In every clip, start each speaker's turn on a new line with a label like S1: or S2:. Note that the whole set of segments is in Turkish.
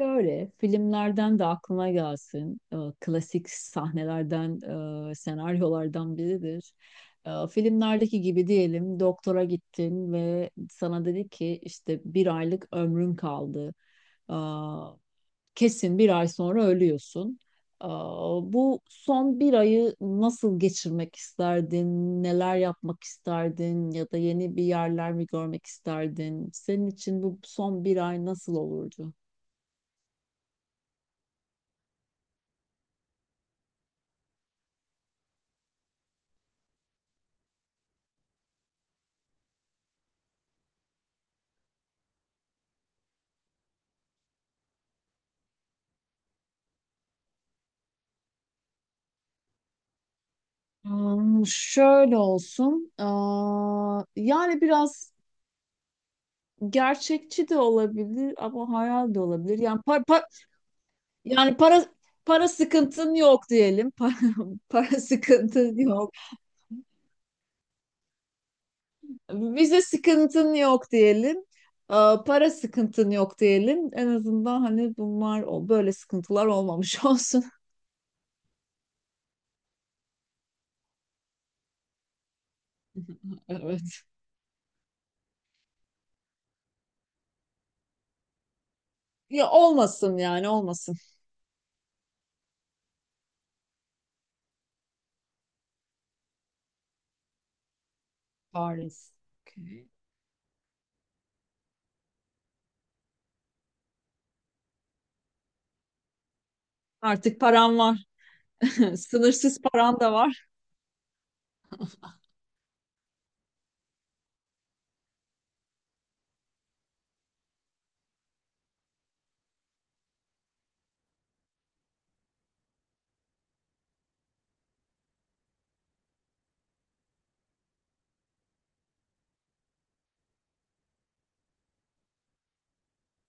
S1: Şöyle filmlerden de aklıma gelsin. Klasik sahnelerden, senaryolardan biridir. Filmlerdeki gibi diyelim, doktora gittin ve sana dedi ki işte bir aylık ömrün kaldı. Aa, Kesin bir ay sonra ölüyorsun. Bu son bir ayı nasıl geçirmek isterdin? Neler yapmak isterdin? Ya da yeni bir yerler mi görmek isterdin? Senin için bu son bir ay nasıl olurdu? Hmm. Şöyle olsun. Yani biraz gerçekçi de olabilir ama hayal de olabilir. Yani para, yani para sıkıntın yok diyelim. Para, para sıkıntın yok. Vize sıkıntın yok diyelim. Para sıkıntın yok diyelim. En azından hani bunlar o böyle sıkıntılar olmamış olsun. Evet. Ya olmasın, yani olmasın. Paris. Okay. Artık param var. Sınırsız param da var.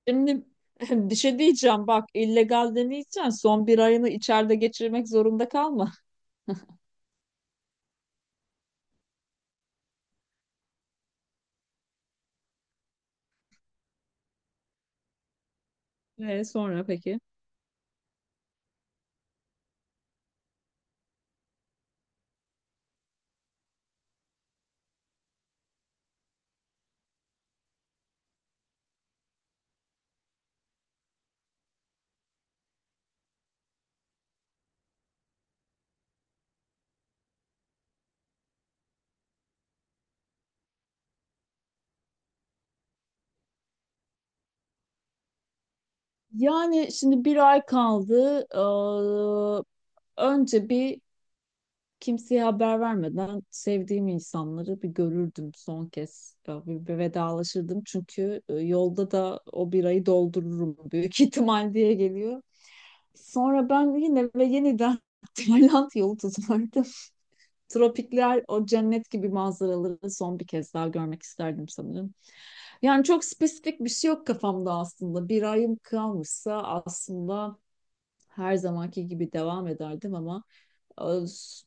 S1: Şimdi bir şey diyeceğim, bak, illegal deneyeceksin, son bir ayını içeride geçirmek zorunda kalma. Ve sonra peki? Yani şimdi bir ay kaldı. Önce bir, kimseye haber vermeden sevdiğim insanları bir görürdüm son kez. Ya bir vedalaşırdım çünkü yolda da o bir ayı doldururum büyük ihtimal diye geliyor. Sonra ben yine ve yeniden Tayland yolu tutardım. Tropikler, o cennet gibi manzaraları son bir kez daha görmek isterdim sanırım. Yani çok spesifik bir şey yok kafamda aslında. Bir ayım kalmışsa aslında her zamanki gibi devam ederdim ama e,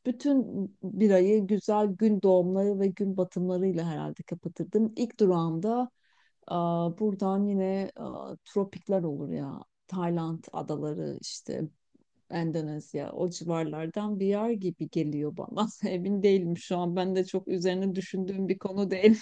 S1: bütün bir ayı güzel gün doğumları ve gün batımlarıyla herhalde kapatırdım. İlk durağımda e, buradan yine tropikler olur ya. Tayland adaları işte, Endonezya, o civarlardan bir yer gibi geliyor bana. Emin değilim şu an. Ben de çok üzerine düşündüğüm bir konu değil.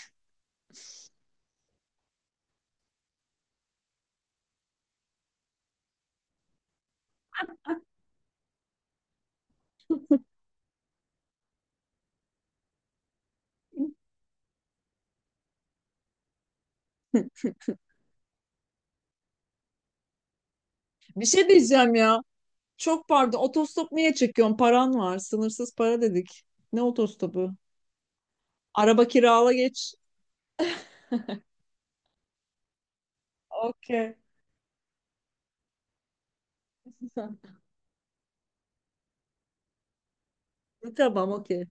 S1: Bir şey diyeceğim ya. Çok pardon. Otostop niye çekiyorsun? Paran var. Sınırsız para dedik. Ne otostopu? Araba kirala geç. Okey. Tamam, okey.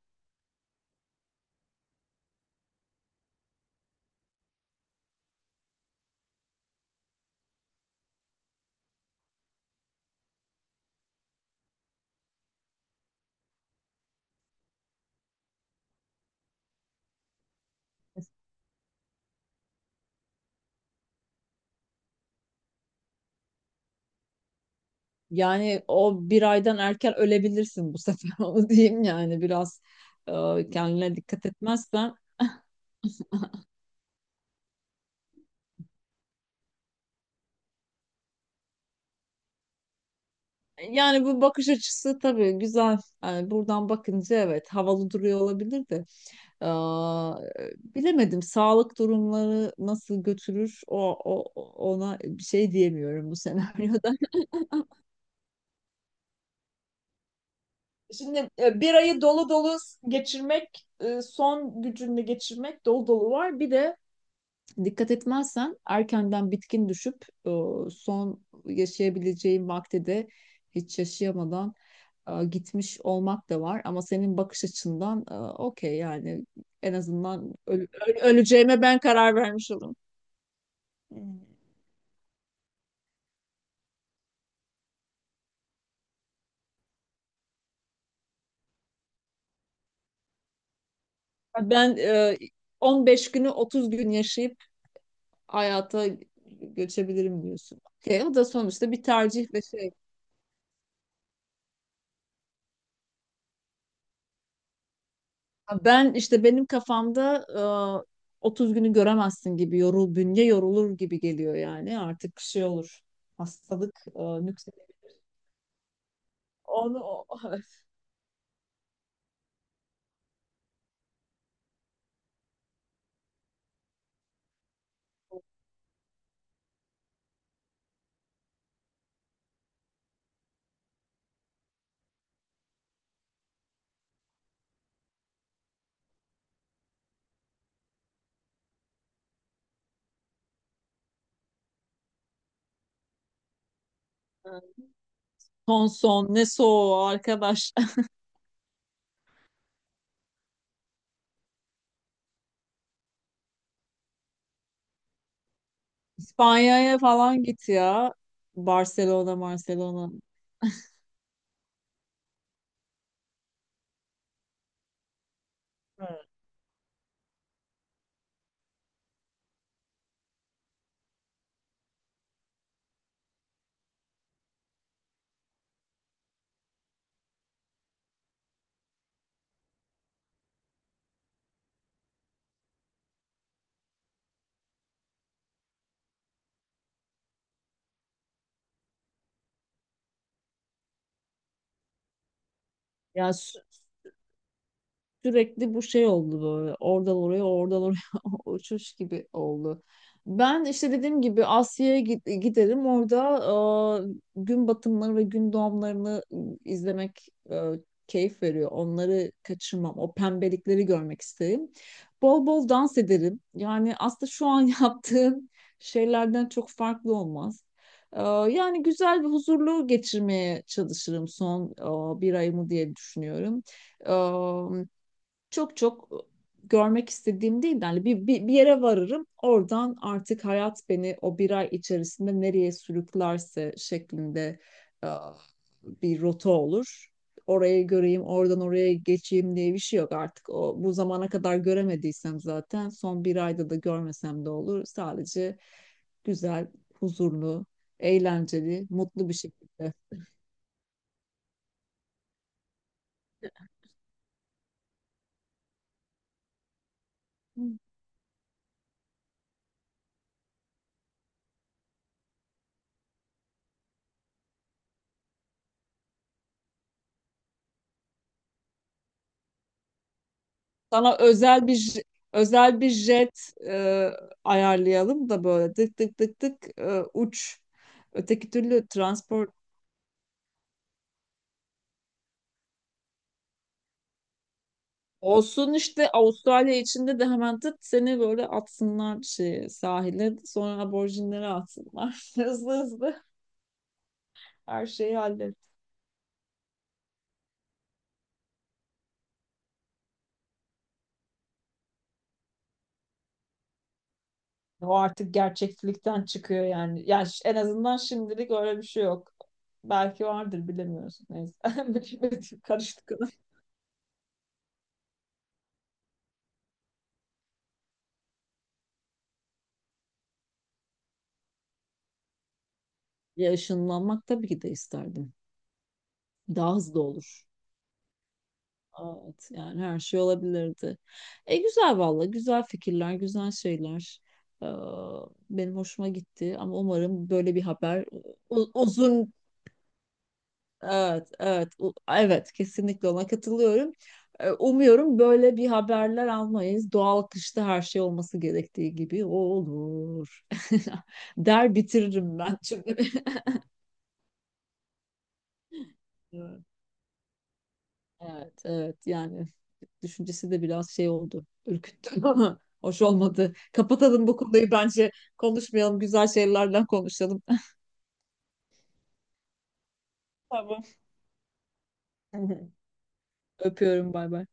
S1: Yani o bir aydan erken ölebilirsin bu sefer, onu diyeyim yani, biraz kendine dikkat etmezsen. Yani bu bakış açısı tabii güzel. Yani buradan bakınca evet, havalı duruyor olabilir de. Aa, Bilemedim, sağlık durumları nasıl götürür o, o ona bir şey diyemiyorum bu senaryoda. Şimdi bir ayı dolu dolu geçirmek, son gücünü geçirmek dolu dolu var. Bir de dikkat etmezsen erkenden bitkin düşüp son yaşayabileceğin vakti de hiç yaşayamadan gitmiş olmak da var. Ama senin bakış açından okey yani, en azından öleceğime ben karar vermiş olurum. Hmm. Ben 15 günü 30 gün yaşayıp hayata göçebilirim diyorsun. Okey, o da sonuçta bir tercih ve şey. Ben işte, benim kafamda 30 günü göremezsin gibi, yorul, bünye yorulur gibi geliyor yani, artık şey olur, hastalık nüksedir. Onu o- Son son ne soğuğu arkadaş. İspanya'ya falan git ya. Barcelona, Barcelona ya. Sürekli bu şey oldu böyle. Oradan oraya, oradan oraya uçuş gibi oldu. Ben işte dediğim gibi Asya'ya giderim. Orada gün batımları ve gün doğumlarını izlemek keyif veriyor. Onları kaçırmam. O pembelikleri görmek isterim. Bol bol dans ederim. Yani aslında şu an yaptığım şeylerden çok farklı olmaz. E, Yani güzel ve huzurlu geçirmeye çalışırım son bir ayımı diye düşünüyorum. Çok çok görmek istediğim değil. Yani bir yere varırım. Oradan artık hayat beni o bir ay içerisinde nereye sürüklerse şeklinde e, bir rota olur. Orayı göreyim, oradan oraya geçeyim diye bir şey yok artık. O, bu zamana kadar göremediysem zaten son bir ayda da görmesem de olur. Sadece güzel, huzurlu, eğlenceli, mutlu bir şekilde. Sana özel bir özel bir jet ayarlayalım da böyle tık tık tık tık, uç. Öteki türlü transport olsun, işte Avustralya içinde de hemen tık seni böyle atsınlar şeye, sahile, sonra aborjinlere atsınlar. Hızlı hızlı her şeyi hallet. O artık gerçeklikten çıkıyor yani. Yani en azından şimdilik öyle bir şey yok. Belki vardır, bilemiyorsun. Neyse. Karıştık. Ya ışınlanmak tabii ki de isterdim. Daha hızlı olur. Evet, yani her şey olabilirdi. E güzel valla, güzel fikirler, güzel şeyler. Ee, Benim hoşuma gitti ama umarım böyle bir haber, uzun, evet evet, evet kesinlikle ona katılıyorum. Umuyorum böyle bir haberler almayız. Doğal kışta her şey olması gerektiği gibi olur. Der bitiririm ben çünkü. Evet, evet yani düşüncesi de biraz şey oldu, ürküttü ama hoş olmadı. Kapatalım bu konuyu bence, konuşmayalım, güzel şeylerden konuşalım. Tamam. Öpüyorum, bay bay.